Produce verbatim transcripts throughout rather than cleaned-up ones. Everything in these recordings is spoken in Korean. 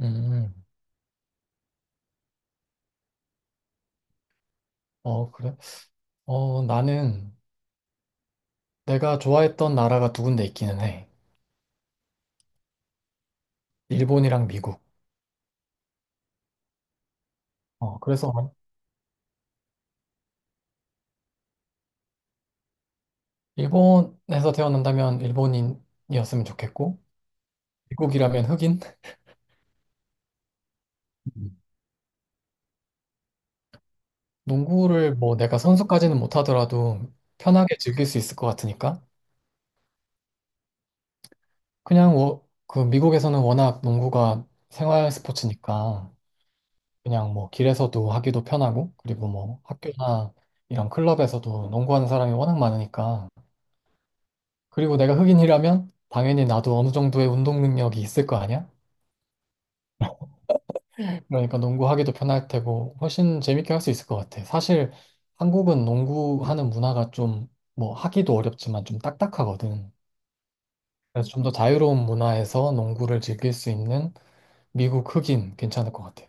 음, 어, 그래? 어, 나는 내가 좋아했던 나라가 두 군데 있기는 해. 일본이랑 미국. 어, 그래서 일본에서 태어난다면 일본인이었으면 좋겠고, 미국이라면 흑인? 음. 농구를 뭐 내가 선수까지는 못하더라도 편하게 즐길 수 있을 것 같으니까. 그냥 워- 그 미국에서는 워낙 농구가 생활 스포츠니까 그냥 뭐 길에서도 하기도 편하고, 그리고 뭐 학교나 이런 클럽에서도 농구하는 사람이 워낙 많으니까 그리고 내가 흑인이라면 당연히 나도 어느 정도의 운동 능력이 있을 거 아니야? 그러니까 농구하기도 편할 테고 훨씬 재밌게 할 수 있을 것 같아. 사실 한국은 농구하는 문화가 좀 뭐 하기도 어렵지만 좀 딱딱하거든. 그래서 좀 더 자유로운 문화에서 농구를 즐길 수 있는 미국 흑인 괜찮을 것 같아.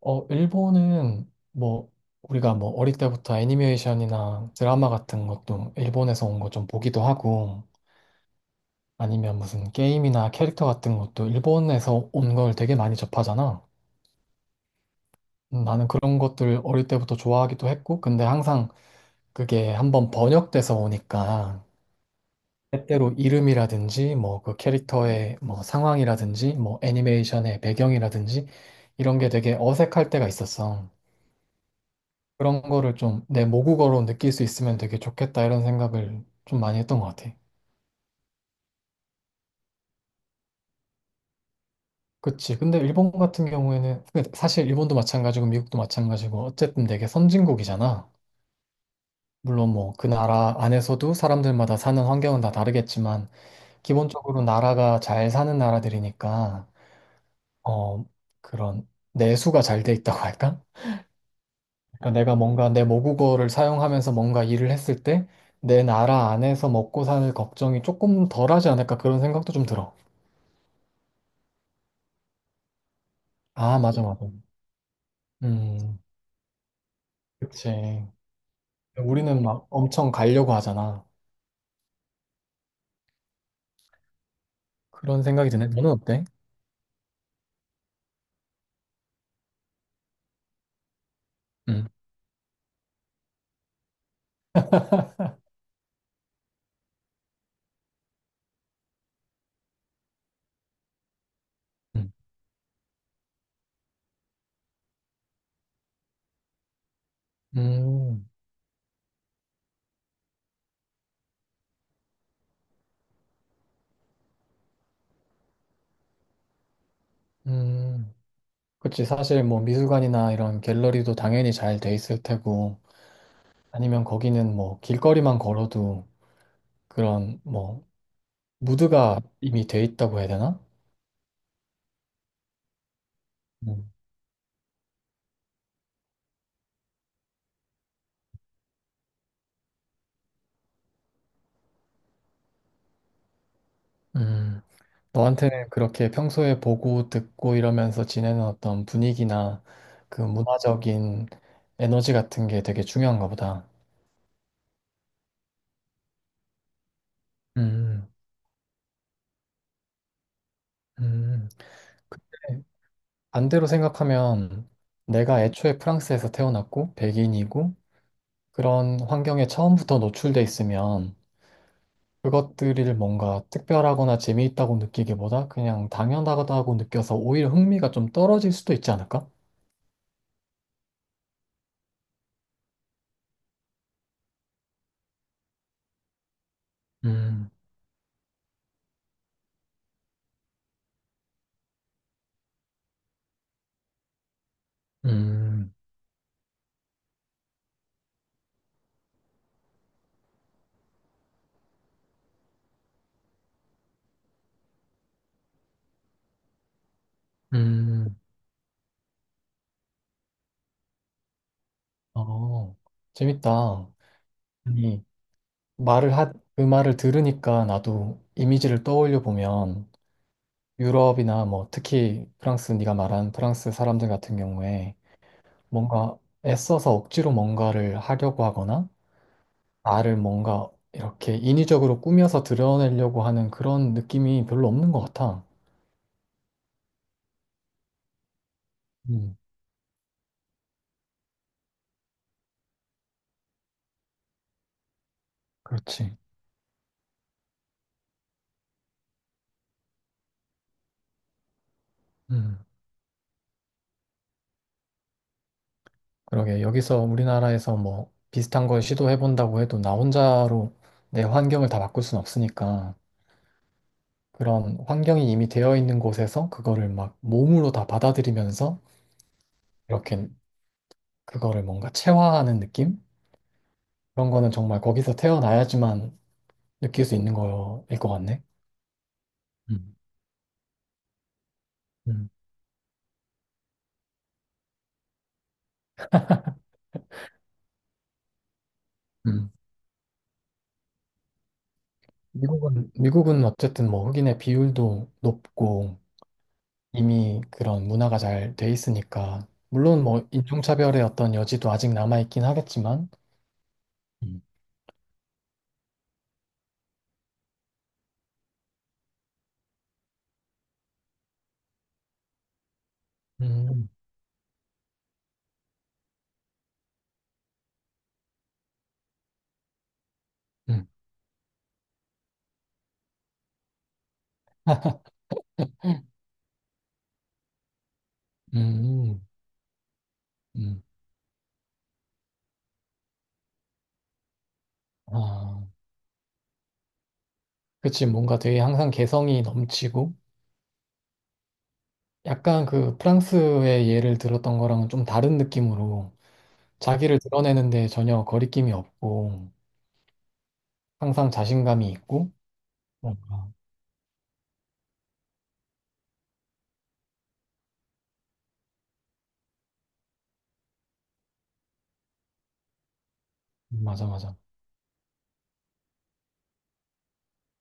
어, 일본은 뭐 우리가 뭐 어릴 때부터 애니메이션이나 드라마 같은 것도 일본에서 온 거 좀 보기도 하고 아니면 무슨 게임이나 캐릭터 같은 것도 일본에서 온 걸 되게 많이 접하잖아. 음, 나는 그런 것들 어릴 때부터 좋아하기도 했고, 근데 항상 그게 한번 번역돼서 오니까 때때로 이름이라든지 뭐 그 캐릭터의 뭐 상황이라든지 뭐 애니메이션의 배경이라든지 이런 게 되게 어색할 때가 있었어. 그런 거를 좀 내 모국어로 느낄 수 있으면 되게 좋겠다 이런 생각을 좀 많이 했던 것 같아. 그치. 근데 일본 같은 경우에는, 근데 사실 일본도 마찬가지고 미국도 마찬가지고 어쨌든 되게 선진국이잖아. 물론 뭐 그 나라 안에서도 사람들마다 사는 환경은 다 다르겠지만, 기본적으로 나라가 잘 사는 나라들이니까, 어, 그런 내수가 잘 돼 있다고 할까? 그러니까 내가 뭔가 내 모국어를 사용하면서 뭔가 일을 했을 때, 내 나라 안에서 먹고 사는 걱정이 조금 덜하지 않을까 그런 생각도 좀 들어. 아, 맞아, 맞아. 음, 그치. 우리는 막 엄청 가려고 하잖아. 그런 생각이 드네. 너는 어때? 음, 음, 음, 음. 그치. 사실 뭐 미술관이나 이런 갤러리도 당연히 잘 돼 있을 테고, 아니면 거기는 뭐 길거리만 걸어도 그런 뭐 무드가 이미 돼 있다고 해야 되나? 음. 음. 너한테는 그렇게 평소에 보고 듣고 이러면서 지내는 어떤 분위기나 그 문화적인 에너지 같은 게 되게 중요한가 보다. 음, 음. 반대로 생각하면 내가 애초에 프랑스에서 태어났고 백인이고 그런 환경에 처음부터 노출돼 있으면 그것들을 뭔가 특별하거나 재미있다고 느끼기보다 그냥 당연하다고 느껴서 오히려 흥미가 좀 떨어질 수도 있지 않을까? 음, 음, 음, 어, 재밌다. 아니, 말을 하, 그 말을 들으니까 나도 이미지를 떠올려 보면 유럽이나 뭐 특히 프랑스, 네가 말한 프랑스 사람들 같은 경우에 뭔가 애써서 억지로 뭔가를 하려고 하거나 나를 뭔가 이렇게 인위적으로 꾸며서 드러내려고 하는 그런 느낌이 별로 없는 것 같아. 음, 그렇지. 음, 그러게. 여기서 우리나라에서 뭐 비슷한 걸 시도해본다고 해도 나 혼자로 내 환경을 다 바꿀 순 없으니까 그런 환경이 이미 되어 있는 곳에서 그거를 막 몸으로 다 받아들이면서 이렇게 그거를 뭔가 체화하는 느낌? 그런 거는 정말 거기서 태어나야지만 느낄 수 있는 거일 것 같네. 음, 음, 음. 미국은, 미국은 어쨌든 뭐 흑인의 비율도 높고 이미 그런 문화가 잘 돼 있으니까 물론 뭐 인종차별의 어떤 여지도 아직 남아 있긴 하겠지만 음, 음, 음, 음, 음. 아, 그치 뭔가 되게 항상 개성이 넘치고 약간 그 프랑스의 예를 들었던 거랑은 좀 다른 느낌으로 자기를 드러내는데 전혀 거리낌이 없고 항상 자신감이 있고 뭔가 맞아 맞아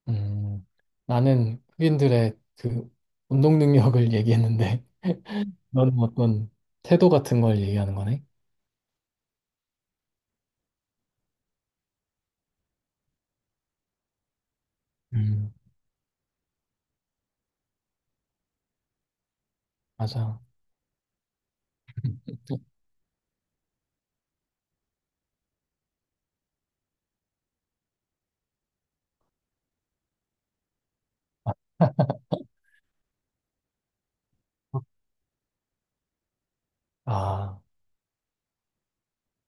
음, 나는 흑인들의 그 운동 능력을 얘기했는데 너는 어떤 태도 같은 걸 얘기하는 거네? 음, 맞아. 또- 아,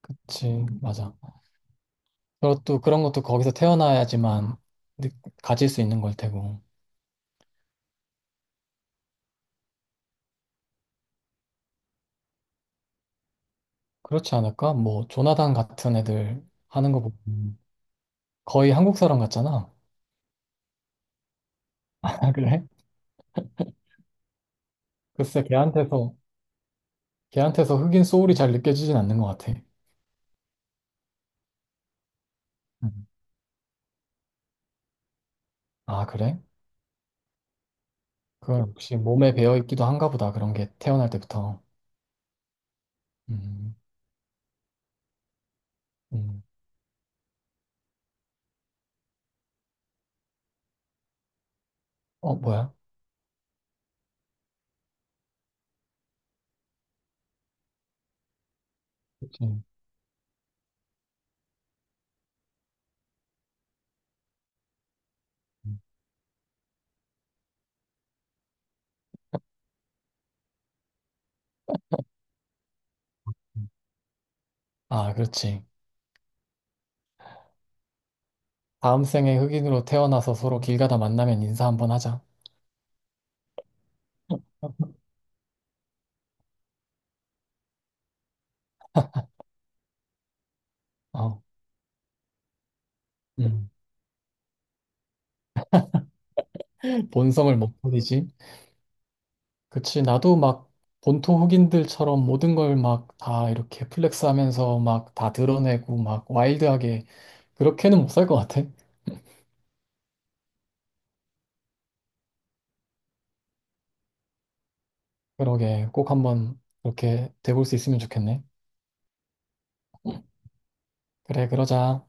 그치, 맞아. 그리고 또 그런 것도 거기서 태어나야지만 느- 가질 수 있는 걸 테고. 그렇지 않을까? 뭐 조나단 같은 애들 하는 거 보면 거의 한국 사람 같잖아. 아, 그래? 글쎄, 걔한테서 걔한테서 흑인 소울이 잘 느껴지진 않는 것 같아. 음. 아, 그래? 그건 혹시 몸에 배어 있기도 한가 보다. 그런 게 태어날 때부터. 음, 음. 어, 뭐야? 음, 음, 음. 아, 그렇지. 다음 생에 흑인으로 태어나서 서로 길 가다 만나면 인사 한번 하자. 어, 음. 본성을 못 버리지. 그치. 나도 막 본토 흑인들처럼 모든 걸 막 다 이렇게 플렉스 하면서 막 다 드러내고 막 와일드하게 그렇게는 못 살 것 같아. 그러게. 꼭 한번 그렇게 돼볼 수 있으면 좋겠네. 그래, 그러자.